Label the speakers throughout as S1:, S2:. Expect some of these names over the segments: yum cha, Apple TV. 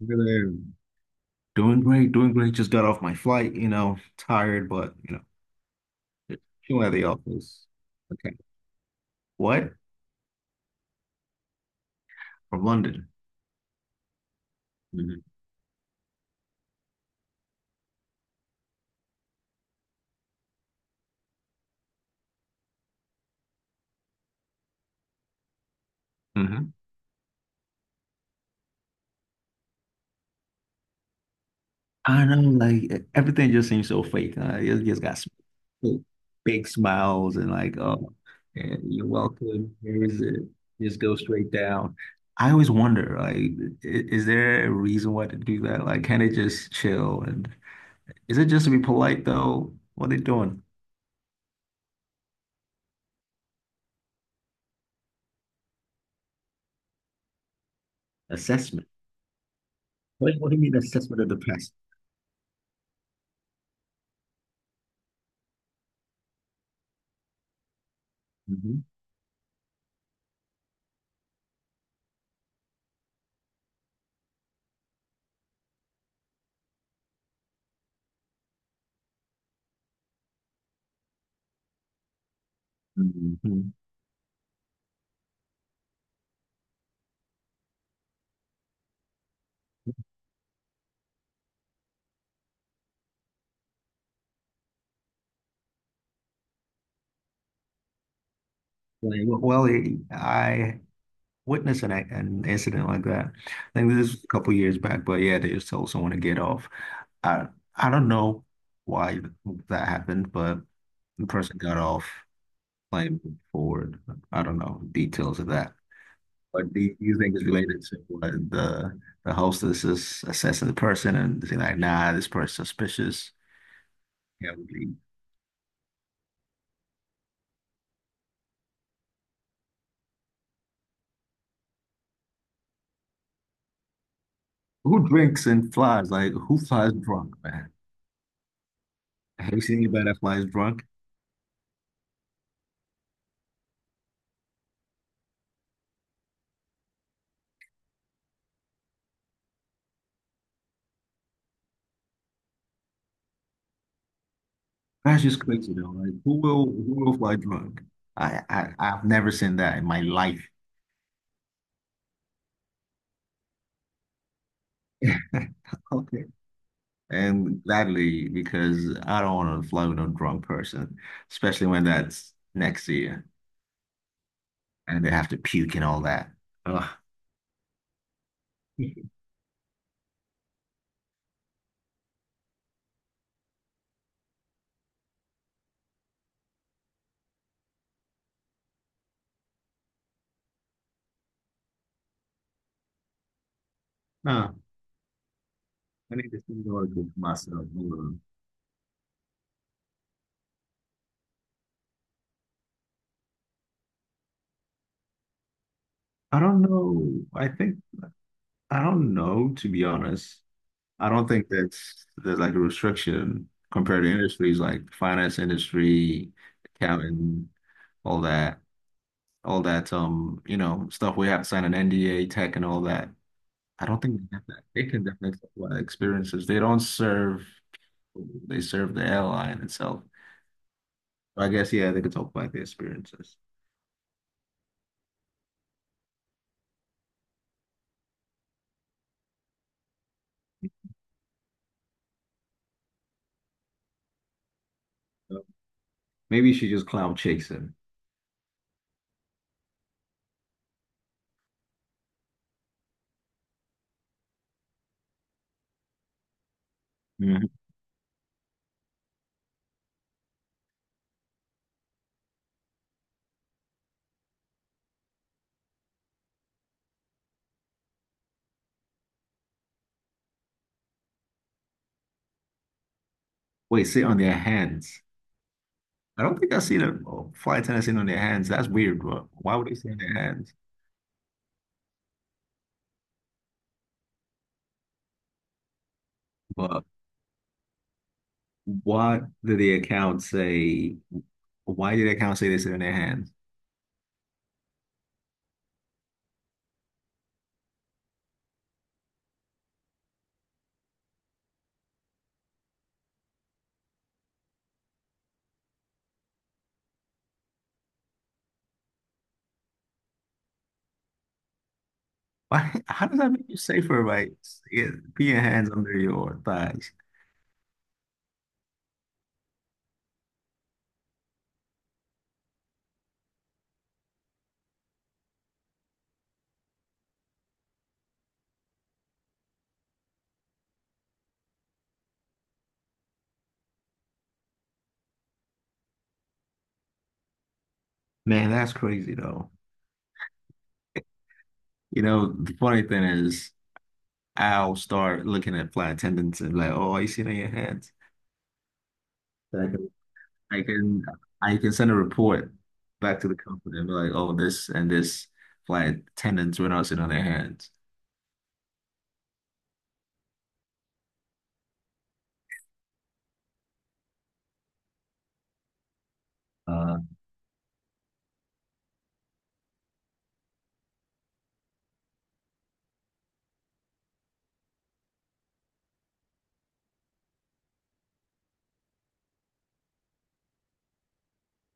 S1: Really. Doing great, doing great. Just got off my flight, you know, tired, but just chilling at the office. Okay. What? From London. hmm hmm I know, like, everything just seems so fake. You just got big big smiles and like, oh, yeah, you're welcome. Here is it. Just go straight down. I always wonder, like, is there a reason why to do that? Like, can they just chill? And is it just to be polite though? What are they doing? Assessment. What do you mean assessment of the past? Mhm. Like, well, I witnessed an incident like that. I think this was a couple years back, but yeah, they just told someone to get off. I I don't know why that happened, but the person got off, claimed forward. I don't know details of that. But do you think it's related to what the hostess is assessing the person and saying like, nah, this person's suspicious? Yeah. Who drinks and flies? Like, who flies drunk, man? Have you seen anybody that flies drunk? That's just crazy, though. Like, who will fly drunk? I've never seen that in my life. Okay. And gladly, because I don't want to fly with no drunk person, especially when that's next to you and they have to puke and all that. Ugh. Huh. I need to think about it for myself. Hold on. I don't know. I think I don't know, to be honest. I don't think that's there's like a restriction compared to industries like finance industry, accounting, all that, all that you know, stuff we have to sign an NDA, tech and all that. I don't think they have that. They can definitely talk about experiences. They don't serve, they serve the airline itself. So I guess yeah, they could talk about the experiences. So maybe you should just cloud chase them. Mhm. Wait, sit on their hands. I don't think I've seen a flight attendant sitting on their hands. That's weird, but why would they sit on their hands? But what did the account say? Why did the account say this in their hands? Why, how does that make you safer by yeah, being hands under your thighs? Man, that's crazy though. You know, the funny thing is, I'll start looking at flight attendants and like, oh, you see it on your hands? And I can, I can send a report back to the company and be like, oh, this and this flight attendants were not sitting on their hands. Uh,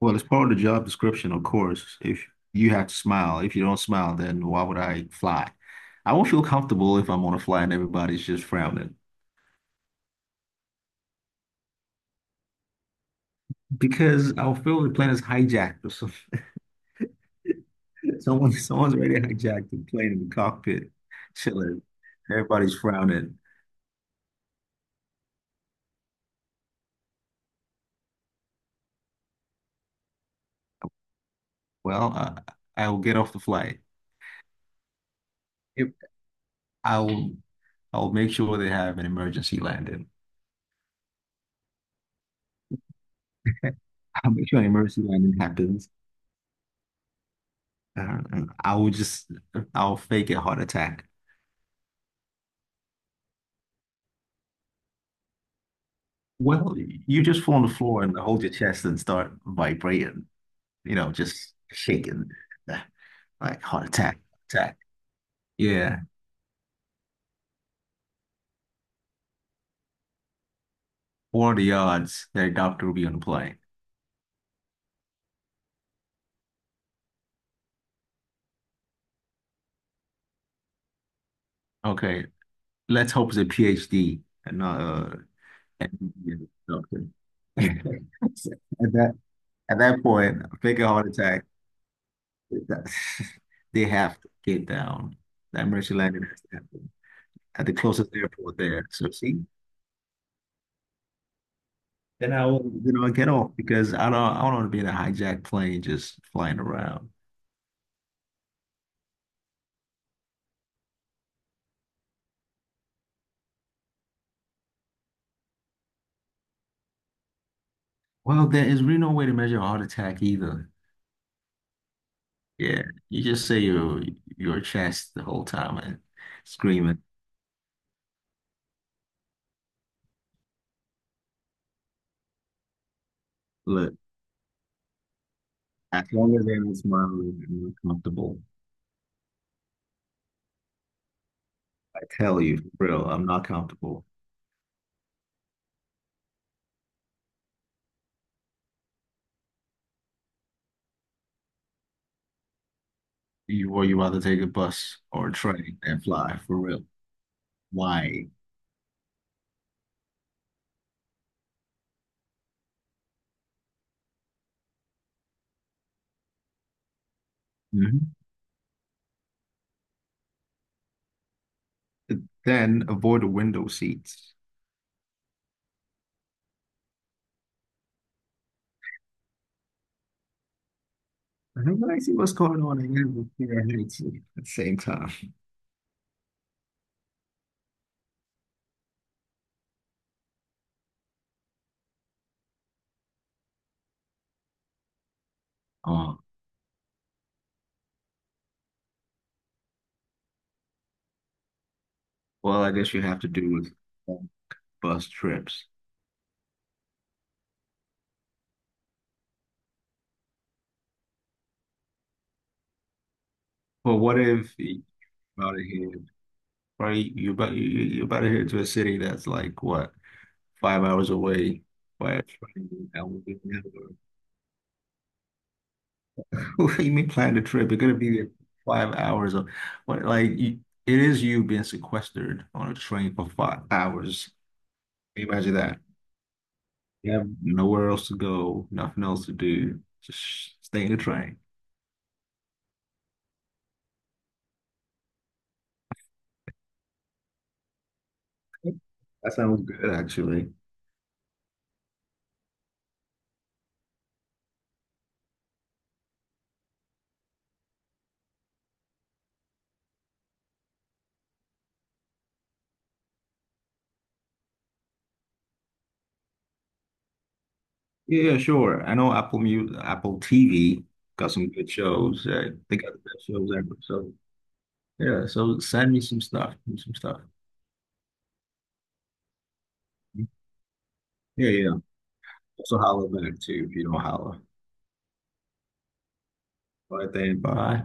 S1: Well, it's part of the job description, of course. If you have to smile, if you don't smile, then why would I fly? I won't feel comfortable if I'm on a flight and everybody's just frowning because I'll feel the plane is hijacked or something. Someone's already hijacked the plane in the cockpit, chilling. Everybody's frowning. Well, I will get off the flight. If I'll, I'll make sure they have an emergency landing. I'll make sure an emergency landing happens. Uh, I will just, I'll fake a heart attack. Well, you just fall on the floor and hold your chest and start vibrating, you know, just shaking, like heart attack, attack. Yeah. What are the odds that a doctor will be on the plane? Okay, let's hope it's a PhD and not a MD doctor. At that at that point, fake a heart attack. that- They have to get down. That emergency landing has to happen at the closest airport there. So see, then I will, you know, get off because I don't want to be in a hijacked plane just flying around. Well, there is really no way to measure a heart attack either. Yeah, you just say your chest the whole time and screaming. Look, as long as I'm smiling and you're comfortable, I tell you, for real, I'm not comfortable. You or you rather take a bus or a train and fly for real. Why? Mhm. Then avoid the window seats. I don't really see what's going on in here at the same time. Uh, well, I guess you have to do with um, bus trips. Well, what if you about to head, right? You about you you about to head to a city that's like what 5 hours away by a train. That would be never- What do you mean plan the trip? You're gonna be there 5 hours of what? Like you, it is you being sequestered on a train for 5 hours. Can you imagine that? You have nowhere else to go, nothing else to do, just stay in the train. That sounds good, actually. Yeah, yeah, sure. I know Apple TV got some good shows. They got the best shows ever. So yeah, so send me some stuff. Some stuff. Yeah, yeah. Also holla back too if you don't holler. All right, then. Bye.